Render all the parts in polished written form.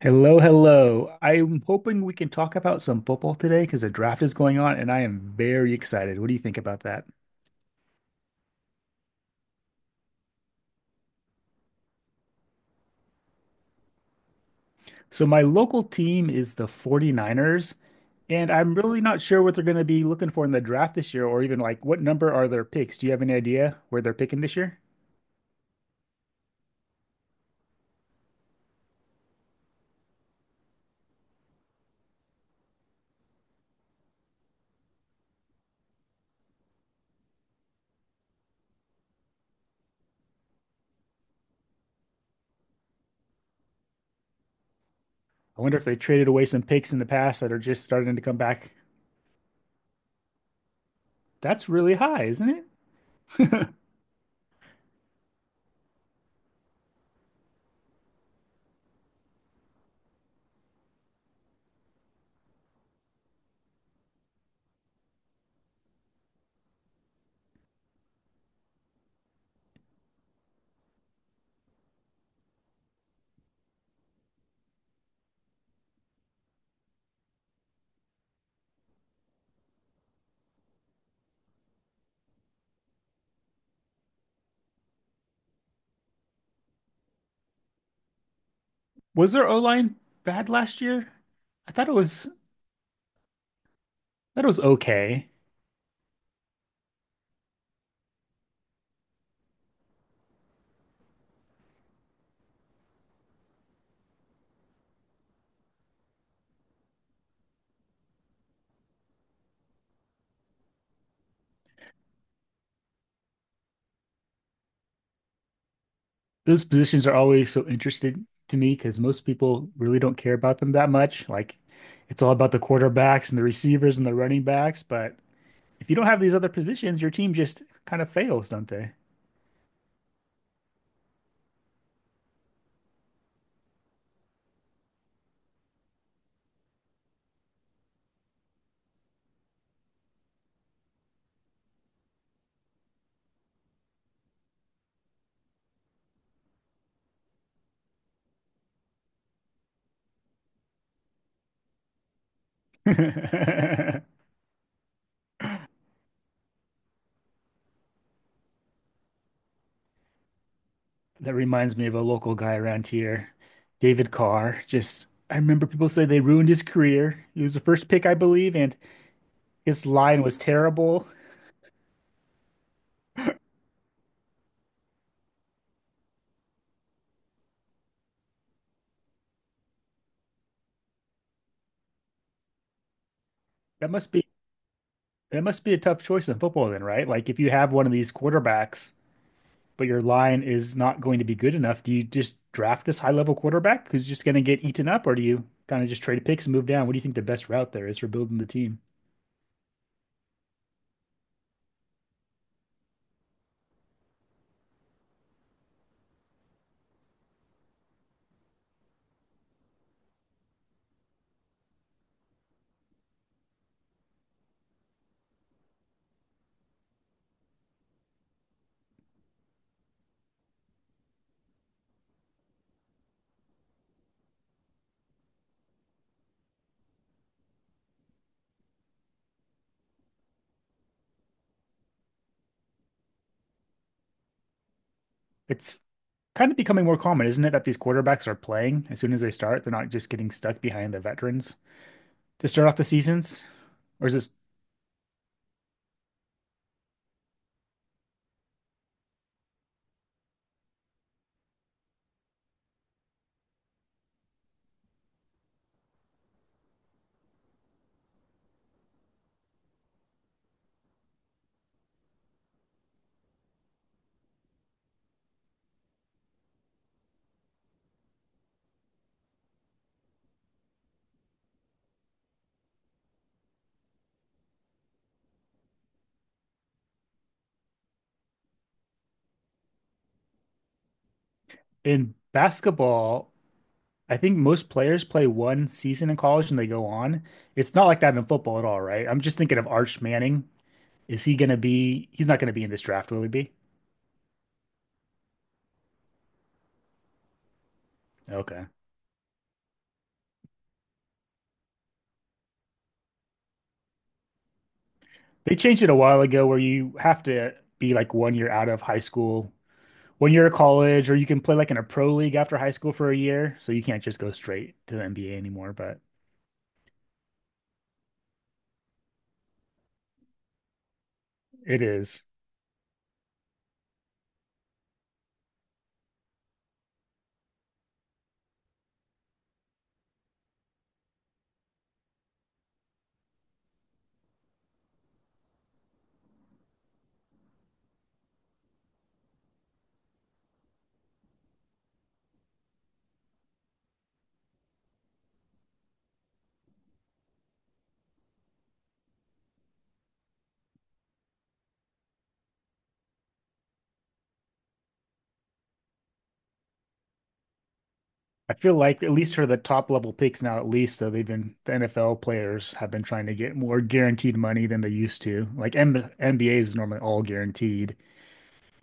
Hello, hello. I'm hoping we can talk about some football today because the draft is going on and I am very excited. What do you think about that? So, my local team is the 49ers, and I'm really not sure what they're going to be looking for in the draft this year or even like what number are their picks. Do you have any idea where they're picking this year? I wonder if they traded away some picks in the past that are just starting to come back. That's really high, isn't it? Was their O-line bad last year? I thought it was okay. Those positions are always so interesting to me because most people really don't care about them that much. Like it's all about the quarterbacks and the receivers and the running backs. But if you don't have these other positions, your team just kind of fails, don't they? That reminds me of a local guy around here, David Carr. Just I remember people say they ruined his career. He was the first pick, I believe, and his line was terrible. That must be that must be a tough choice in football then, right? Like if you have one of these quarterbacks but your line is not going to be good enough, do you just draft this high level quarterback who's just going to get eaten up, or do you kind of just trade picks and move down? What do you think the best route there is for building the team? It's kind of becoming more common, isn't it, that these quarterbacks are playing as soon as they start? They're not just getting stuck behind the veterans to start off the seasons? Or is this in basketball? I think most players play one season in college and they go on. It's not like that in football at all, right? I'm just thinking of Arch Manning. Is he going to be? He's not going to be in this draft, will he be? Okay. They changed it a while ago where you have to be like one year out of high school, one year of college, or you can play like in a pro league after high school for a year. So you can't just go straight to the NBA anymore, but it is. I feel like at least for the top level picks now, at least though they've been the NFL players have been trying to get more guaranteed money than they used to. Like M NBA is normally all guaranteed,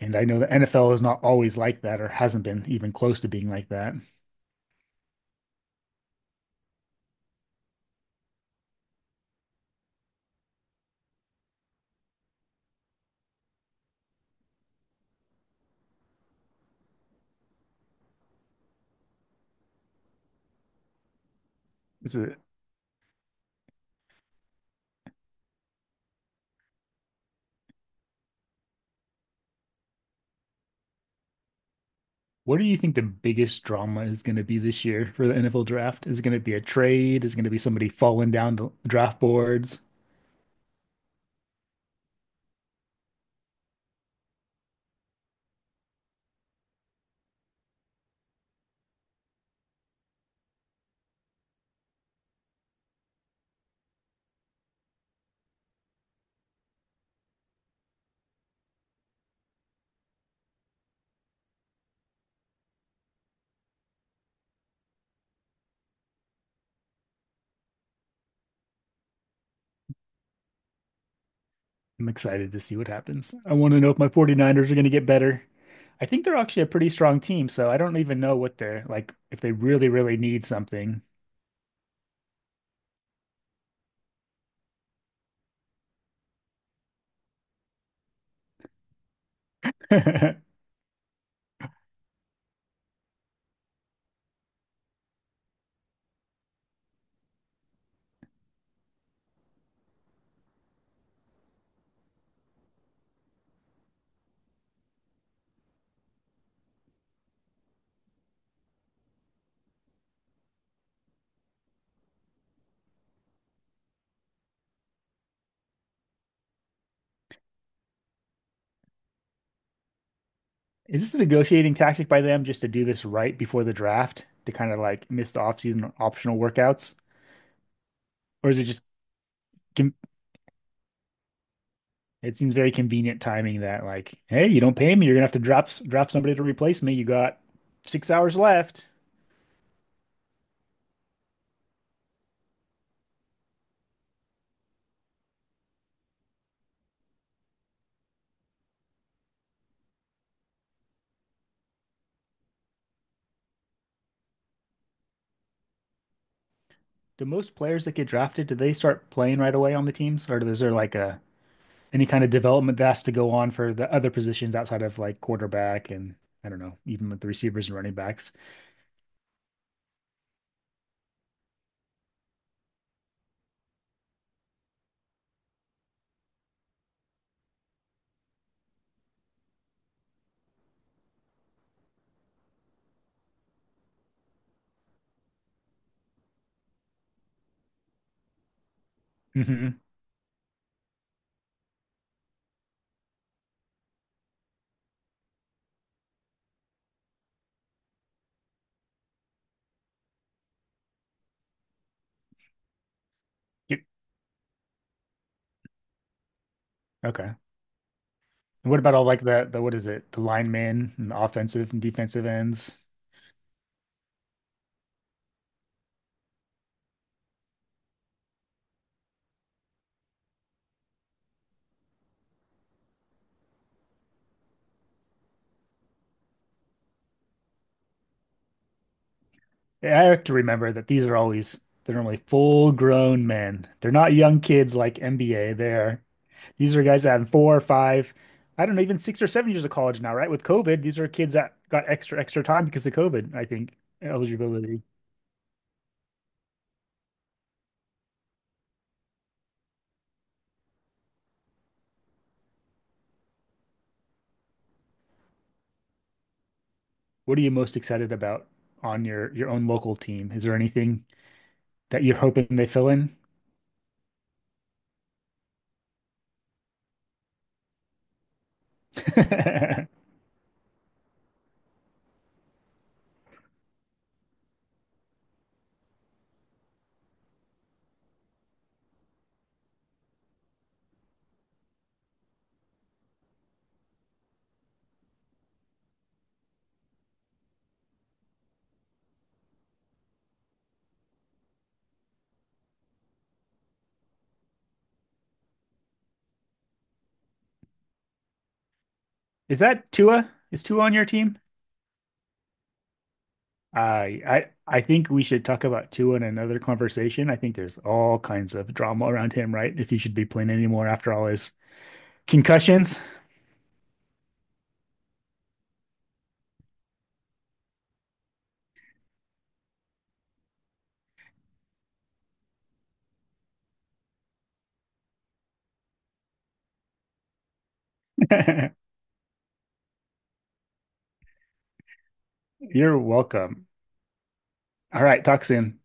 and I know the NFL is not always like that or hasn't been even close to being like that. It's a, What do you think the biggest drama is going to be this year for the NFL draft? Is it going to be a trade? Is it going to be somebody falling down the draft boards? I'm excited to see what happens. I want to know if my 49ers are going to get better. I think they're actually a pretty strong team, so I don't even know what they're like if they really, really need something. Is this a negotiating tactic by them just to do this right before the draft to kind of like miss the offseason optional workouts? Or is it just It seems very convenient timing that like, hey, you don't pay me, you're gonna have to drop somebody to replace me. You got 6 hours left. Do most players that get drafted, do they start playing right away on the teams, or is there like a any kind of development that has to go on for the other positions outside of like quarterback and I don't know, even with the receivers and running backs? hmm Yep. Okay. And what about all like the what is it, the linemen and the offensive and defensive ends? I have to remember that these are always they're normally full grown men. They're not young kids like MBA. They're these are guys that have four or five, I don't know, even 6 or 7 years of college now, right? With COVID, these are kids that got extra time because of COVID, I think, eligibility. What are you most excited about on your own local team? Is there anything that you're hoping they fill in? Is that Tua? Is Tua on your team? I think we should talk about Tua in another conversation. I think there's all kinds of drama around him, right? If he should be playing anymore after all his concussions. You're welcome. All right, talk soon.